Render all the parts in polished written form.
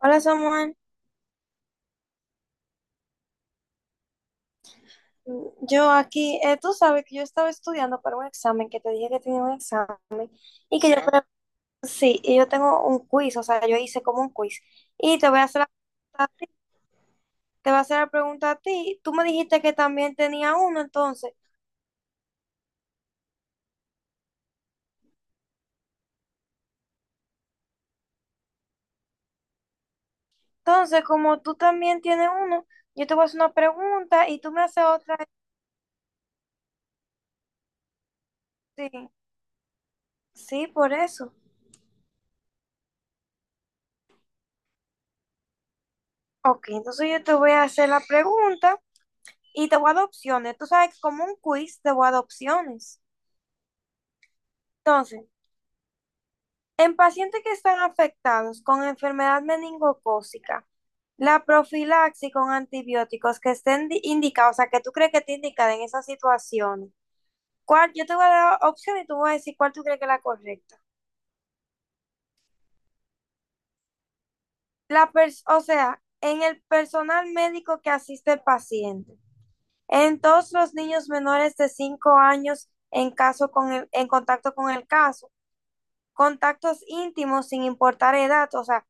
Hola Samuel, yo aquí, tú sabes que yo estaba estudiando para un examen, que te dije que tenía un examen y que yo, sí, y yo tengo un quiz, o sea, yo hice como un quiz y te voy a hacer la pregunta a ti, te voy a hacer la pregunta a ti, tú me dijiste que también tenía uno, entonces, entonces como tú también tienes uno, yo te voy a hacer una pregunta y tú me haces otra, sí, sí, por eso. Ok, entonces yo te voy a hacer la pregunta y te voy a dar opciones, tú sabes que como un quiz te voy a dar opciones, entonces. En pacientes que están afectados con enfermedad meningocócica, la profilaxis con antibióticos que estén indicados, o sea, que tú crees que te indican en esas situaciones. ¿Cuál? Yo te voy a dar opción y tú vas a decir cuál tú crees que es la correcta. O sea, en el personal médico que asiste al paciente, en todos los niños menores de 5 años en caso con en contacto con el caso, contactos íntimos sin importar edad, o sea,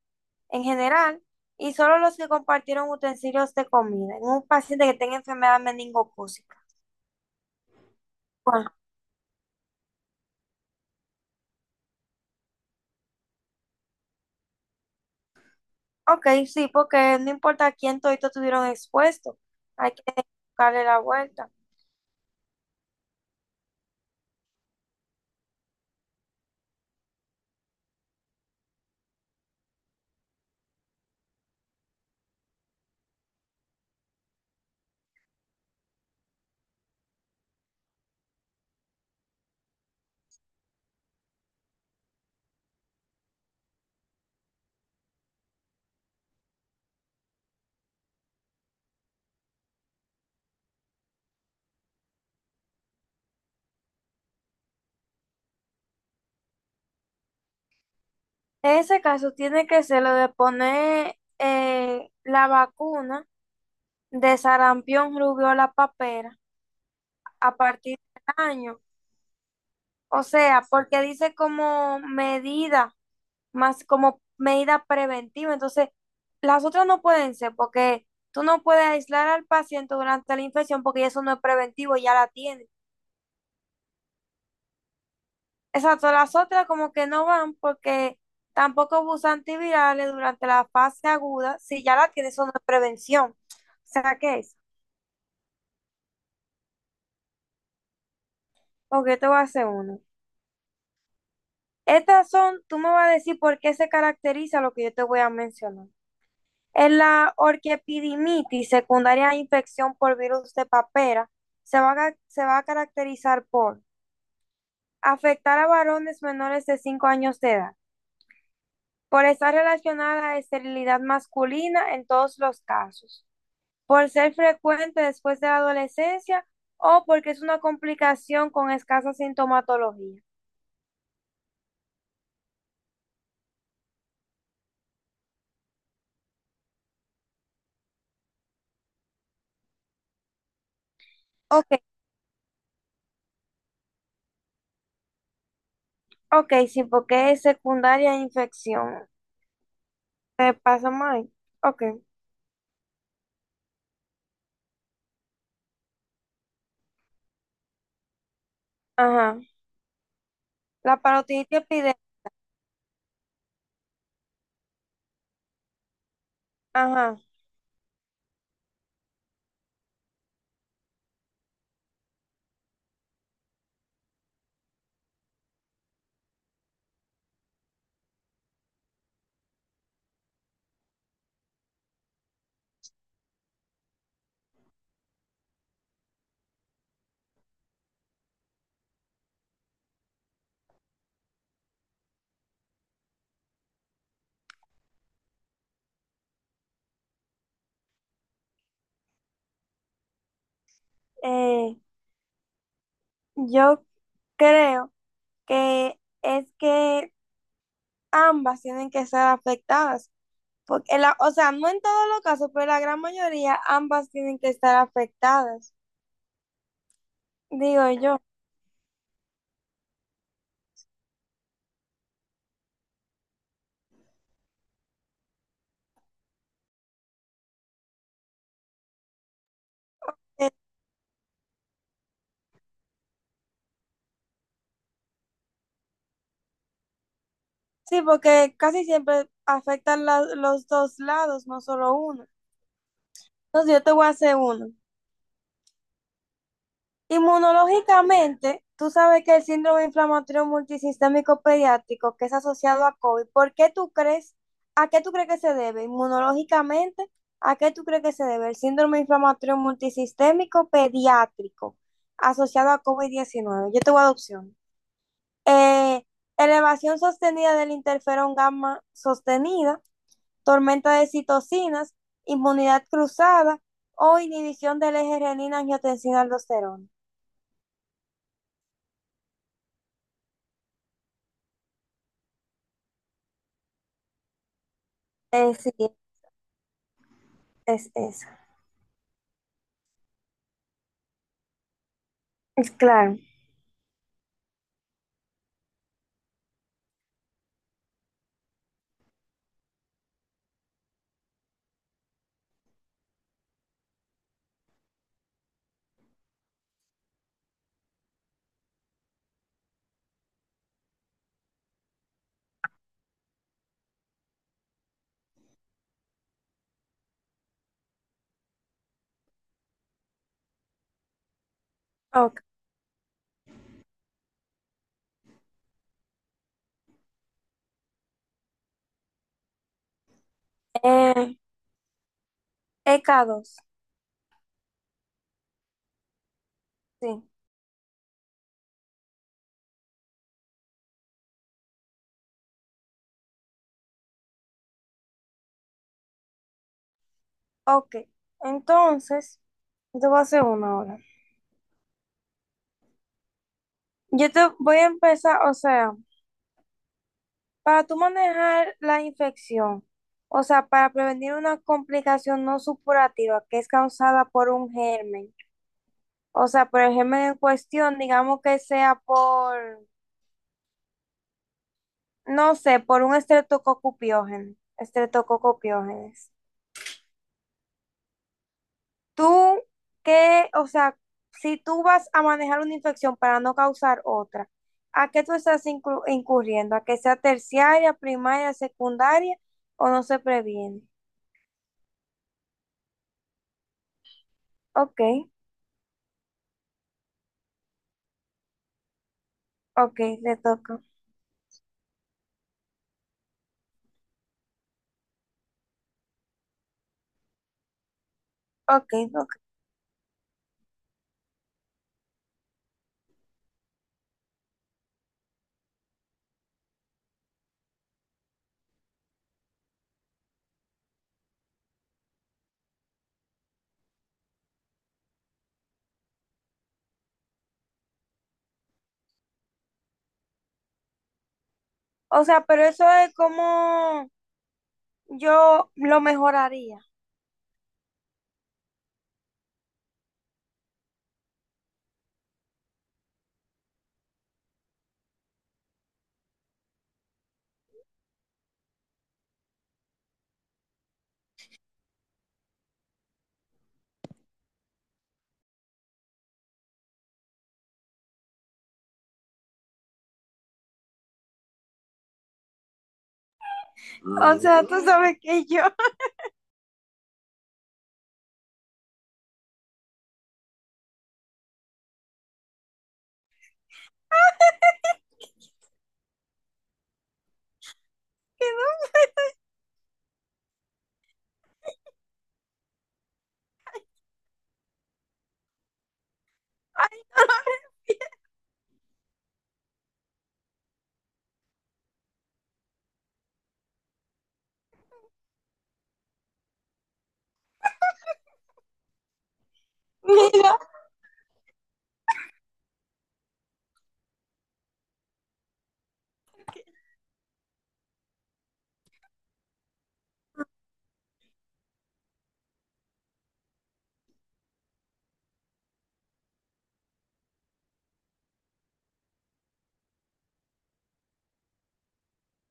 en general y solo los que compartieron utensilios de comida en un paciente que tenga enfermedad meningocócica. Bueno, ok, sí, porque no importa quién todito tuvieron expuesto, hay que darle la vuelta. En ese caso tiene que ser lo de poner la vacuna de sarampión, rubiola, papera a partir del año. O sea, porque dice como medida más como medida preventiva. Entonces, las otras no pueden ser porque tú no puedes aislar al paciente durante la infección porque eso no es preventivo, ya la tiene. Exacto, las otras como que no van porque tampoco usa antivirales durante la fase aguda, si ya la tiene, eso no es prevención. O sea, ¿qué es? Porque yo te voy a hacer uno. Estas son, tú me vas a decir por qué se caracteriza lo que yo te voy a mencionar. En la orquiepididimitis secundaria a infección por virus de papera, se va a, se va a caracterizar por afectar a varones menores de 5 años de edad, por estar relacionada a esterilidad masculina en todos los casos, por ser frecuente después de la adolescencia o porque es una complicación con escasa sintomatología. Ok, ok, sí, porque es secundaria a infección. ¿Te pasa mal? Ok, ajá. La parotiditis epidémica, ajá. Eh, yo creo que es que ambas tienen que ser afectadas. Porque la, o sea, no en todos los casos, pero la gran mayoría, ambas tienen que estar afectadas, digo yo. Eh, sí, porque casi siempre afectan los dos lados, no solo uno. Entonces yo te voy a hacer uno. Inmunológicamente, tú sabes que el síndrome inflamatorio multisistémico pediátrico que es asociado a COVID, ¿por qué tú crees, a qué tú crees que se debe? Inmunológicamente, ¿a qué tú crees que se debe el síndrome inflamatorio multisistémico pediátrico asociado a COVID-19? Yo te voy a dar opciones. Eh, elevación sostenida del interferón gamma sostenida, tormenta de citocinas, inmunidad cruzada o inhibición del eje renina-angiotensina-aldosterona. Sí, es esa. Es claro. Ok. Eh, EK2. Sí. Ok. Entonces, yo te voy a hacer una ahora. Yo te voy a empezar, o sea, para tú manejar la infección, o sea, para prevenir una complicación no supurativa que es causada por un germen, o sea, por el germen en cuestión, digamos que sea por, no sé, por un estreptococo piógeno, estreptococo piógenes. Tú, ¿qué? O sea, si tú vas a manejar una infección para no causar otra, ¿a qué tú estás incurriendo? ¿A que sea terciaria, primaria, secundaria o no se previene? Ok, ok, le toca. Ok, ok. O sea, pero eso es como yo lo mejoraría. O sea, tú sabes que yo, que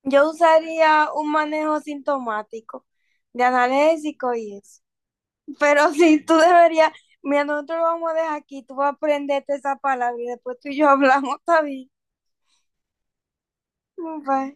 no. Yo usaría un manejo sintomático de analésico y eso. Pero sí, tú deberías, mira, nosotros lo vamos a dejar aquí, tú vas a aprenderte esa palabra y después tú y yo hablamos, está bien. Bye.